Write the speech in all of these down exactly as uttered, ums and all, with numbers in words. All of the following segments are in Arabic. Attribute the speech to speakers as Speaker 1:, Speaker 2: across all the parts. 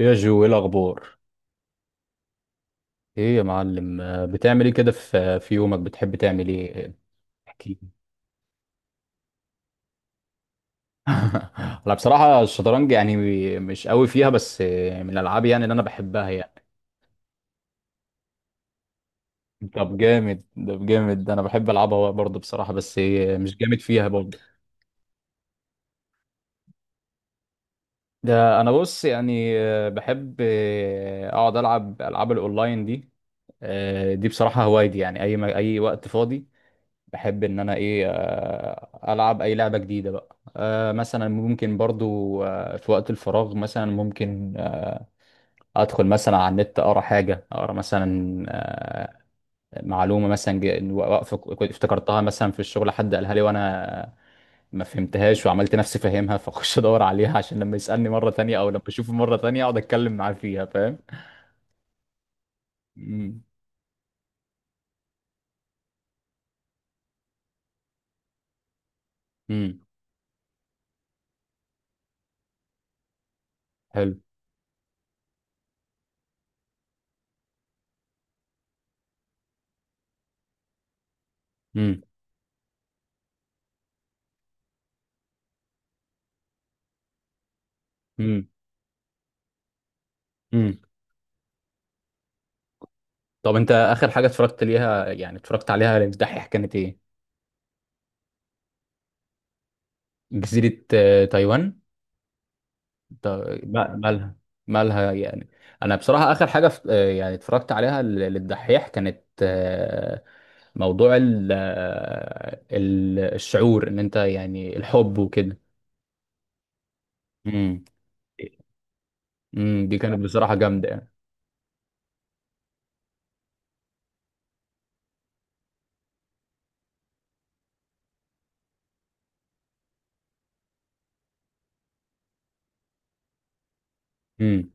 Speaker 1: يا جو، ايه الاخبار؟ ايه يا معلم، آه، بتعمل ايه كده في في يومك؟ بتحب تعمل ايه؟ احكي لي. انا بصراحه الشطرنج، يعني مش قوي فيها، بس آه، من الالعاب يعني اللي انا بحبها يعني. طب جامد ده جامد ده، انا بحب العبها برضه بصراحه، بس آه، مش جامد فيها برضه. ده انا بص يعني، آه، بحب آه، اقعد العب العاب الاونلاين دي. آه، دي بصراحه هوايتي يعني، اي ما- اي وقت فاضي بحب ان انا ايه، آه، العب اي لعبه جديده بقى. آه، مثلا ممكن برضو آه، في وقت الفراغ، مثلا ممكن آه، ادخل مثلا على النت، اقرا حاجه، اقرا مثلا آه، معلومه مثلا ج- واقفه كنت افتكرتها مثلا في الشغل، حد قالها لي وانا ما فهمتهاش وعملت نفسي فاهمها، فاخش ادور عليها، عشان لما يسالني مره تانية او لما اشوفه مره تانية اقعد اتكلم معاه فيها فاهم. امم. امم. حلو. امم. امم. امم. طب انت اخر حاجه اتفرجت ليها، يعني اتفرجت عليها الدحيح كانت ايه؟ جزيرة آه، تايوان. تا- ما- مالها؟ مالها يعني؟ أنا بصراحة آخر حاجة ف- آه، يعني اتفرجت عليها ل- للدحيح كانت آه، موضوع ال- آه، ال- الشعور، إن أنت يعني الحب وكده. امم. امم، دي كانت بصراحة جامدة يعني.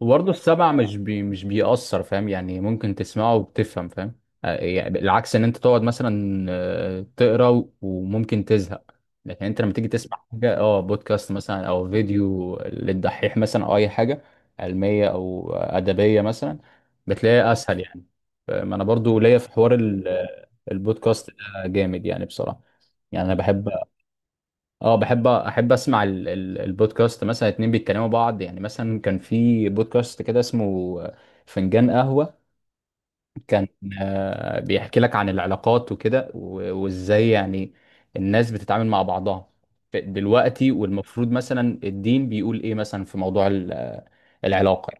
Speaker 1: وبرضه السمع مش بي مش بيأثر، فاهم يعني؟ ممكن تسمعه وبتفهم فاهم. آه، يعني العكس ان انت تقعد مثلا آه، تقرا و- وممكن تزهق، لكن انت لما تيجي تسمع حاجه، اه بودكاست مثلا او فيديو للدحيح مثلا او اي حاجه علميه او ادبيه مثلا بتلاقيها اسهل يعني. ما انا برضو ليا في حوار ال- البودكاست ده، جامد يعني بصراحه. يعني انا بحب، اه بحب احب اسمع ال- ال- البودكاست، مثلا اتنين بيتكلموا بعض. يعني مثلا كان في بودكاست كده اسمه فنجان قهوة، كان آه، بيحكي لك عن العلاقات وكده، و- وازاي يعني الناس بتتعامل مع بعضها ف- دلوقتي، والمفروض مثلا الدين بيقول ايه مثلا في موضوع ال- آه، العلاقة.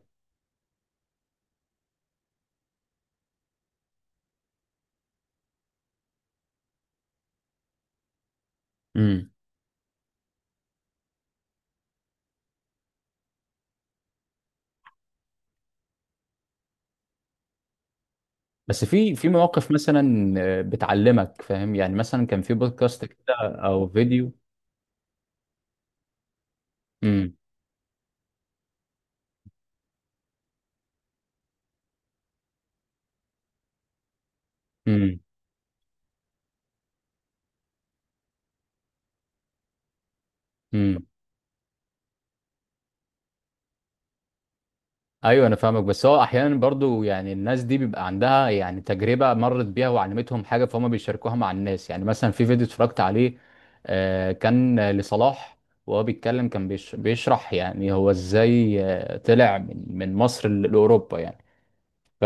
Speaker 1: امم. بس في في مواقف مثلا آه، بتعلمك فاهم يعني، مثلا كان في بودكاست كده او فيديو. امم. امم. ايوه انا فاهمك، بس هو احيانا برضو يعني الناس دي بيبقى عندها يعني تجربه مرت بيها وعلمتهم حاجه، فهم بيشاركوها مع الناس، يعني مثلا في فيديو اتفرجت عليه آه، كان لصلاح، وهو بيتكلم كان بيش- بيشرح يعني هو ازاي آه، طلع من من مصر ل- لاوروبا، يعني ف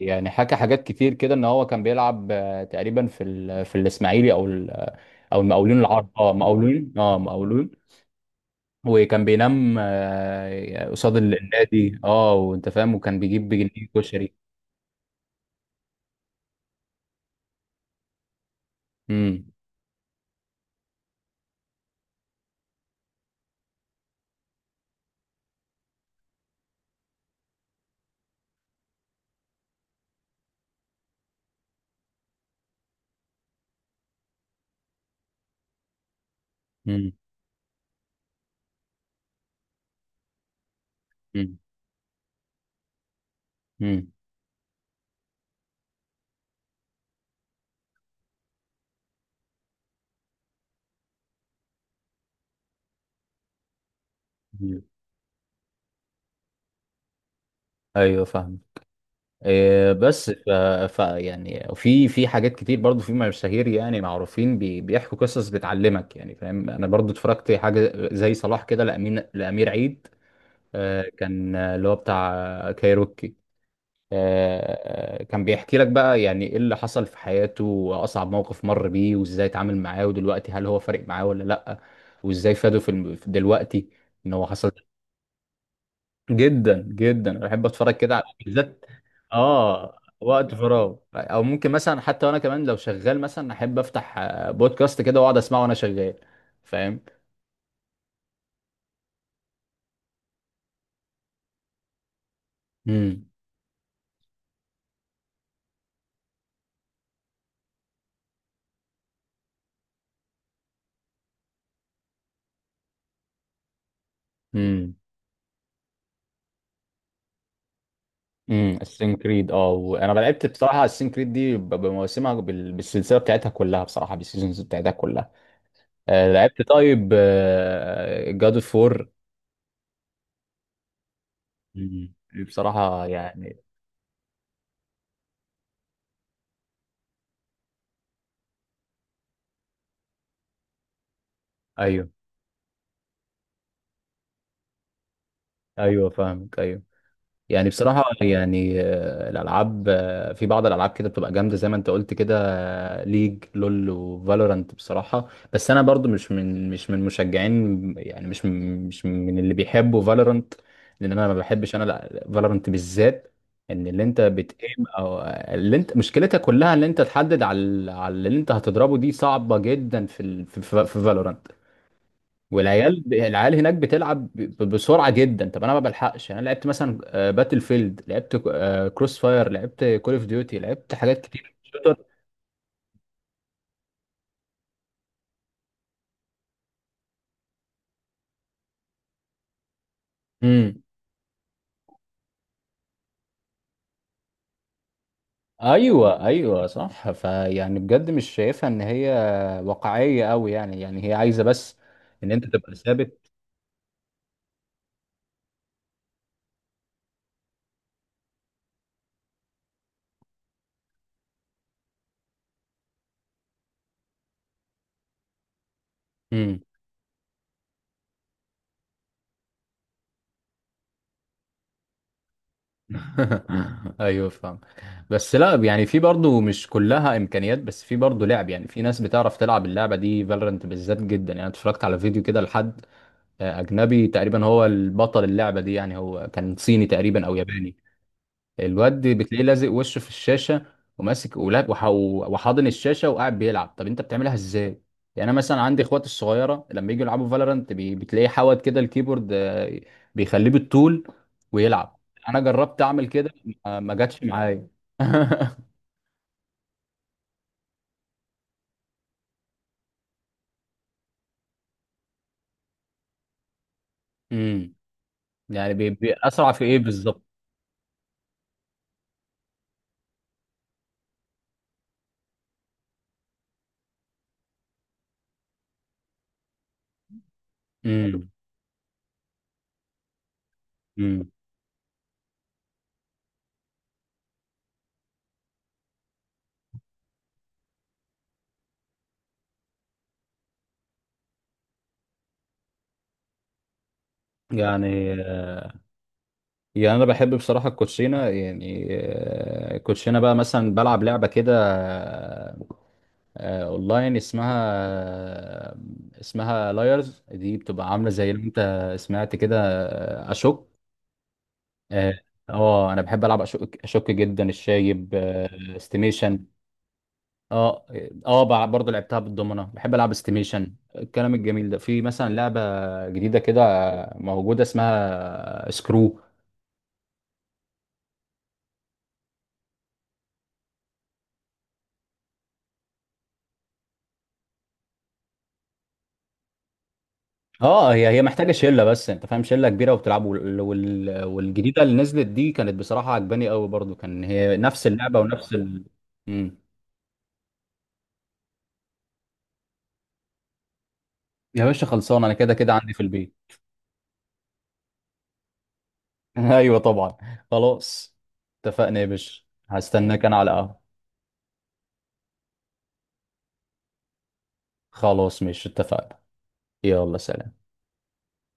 Speaker 1: يعني حكى حاجات كتير كده، ان هو كان بيلعب آه، تقريبا في ال- في الاسماعيلي او ال- او المقاولين العرب، اه مقاولين، اه مقاولون. وكان بينام آه، قصاد ال- النادي، اه وانت فاهم، وكان بيجيب بجنيه كشري. امم. امم. امم. امم. ايوه فاهم. إيه بس ف... ف يعني في في حاجات كتير برضو، في مشاهير يعني معروفين بي... بيحكوا قصص بتعلمك يعني، فاهم؟ انا برضو اتفرجت حاجه زي صلاح كده، لامين لامير عيد آه كان آه، اللي هو بتاع آه، كايروكي. آه، آه، كان بيحكي لك بقى يعني ايه اللي حصل في حياته، واصعب موقف مر بيه، وازاي اتعامل معاه، ودلوقتي هل هو فارق معاه ولا لا، وازاي فاده في الم- في دلوقتي ان هو حصل. جدا جدا انا بحب اتفرج كده على بالذات. اه، وقت فراغ، او ممكن مثلا حتى وانا كمان لو شغال مثلا احب افتح آه، بودكاست كده واقعد اسمعه وانا شغال فاهم. امم. امم. امم. السين كريد، اه وانا لعبت بصراحه السين كريد دي ب- بمواسمها، بال- بالسلسله بتاعتها كلها بصراحه، بالسيزونز بتاعتها كلها. آه، لعبت طيب جاد اوف فور. مم. بصراحة يعني. ايوه، ايوه، فاهمك، ايوه. يعني بصراحة يعني آه، الألعاب، آه، في بعض الألعاب كده بتبقى جامدة زي ما أنت قلت كده. آه، ليج لول وفالورانت بصراحة، بس أنا برضو مش من مش من مشجعين يعني، مش من مش من اللي بيحبوا فالورانت، لأن أنا ما بحبش أنا فالورانت بالذات. إن اللي أنت بتقيم أو آه، اللي أنت مشكلتها كلها اللي أنت تحدد على ال- على اللي أنت هتضربه، دي صعبة جدا في ال... في فالورانت. والعيال ب- العيال هناك بتلعب ب- بسرعه جدا، طب انا ما بلحقش. يعني انا لعبت مثلا آه، باتل فيلد، لعبت كروس فاير، لعبت كول اوف ديوتي، لعبت حاجات كتير شوتر. امم. ايوه ايوه صح، فيعني بجد مش شايفها ان هي واقعيه قوي يعني، يعني هي عايزه بس ان انت تبقى ثابت. امم. ايوه فاهم. بس لا يعني في برضو مش كلها امكانيات، بس في برضو لعب. يعني في ناس بتعرف تلعب اللعبه دي، فالورنت بالذات جدا، يعني اتفرجت على فيديو كده لحد اجنبي تقريبا هو البطل اللعبه دي، يعني هو كان صيني تقريبا او ياباني. الواد بتلاقيه لازق وشه في الشاشه، وماسك ولاب وح- وحاضن الشاشه وقاعد بيلعب. طب انت بتعملها ازاي؟ يعني انا مثلا عندي اخواتي الصغيره لما يجوا يلعبوا فالورانت بتلاقيه حاود كده الكيبورد، آه، بيخليه بالطول ويلعب. انا جربت اعمل كده، ما ما جاتش معايا امم. يعني بي- بي- اسرع في ايه بالظبط؟ امم. امم. يعني آه، يعني انا بحب بصراحه الكوتشينه، يعني آه، الكوتشينه بقى مثلا بلعب لعبه كده، آه، آه، اونلاين اسمها آه، اسمها لايرز. دي بتبقى عامله زي اللي انت سمعت كده، آه، اشك. اه. آه، انا بحب العب اشك اشك جدا، الشايب آه، استيميشن. اه. اه. بع- برضه لعبتها بالضمنه، بحب العب استيميشن الكلام الجميل ده. في مثلا لعبه جديده كده آه، موجوده اسمها سكرو. اه، هي هي محتاجه شله، بس انت فاهم شله كبيره وبتلعبوا وال... وال... والجديده اللي نزلت دي كانت بصراحه عجباني قوي برضو، كان هي نفس اللعبه ونفس ال... مم. يا باشا خلصان، انا كده كده عندي في البيت. ايوه طبعا. خلاص، اتفقنا يا باشا. هستناك انا على قهوه. خلاص ماشي اتفقنا. يلا سلام.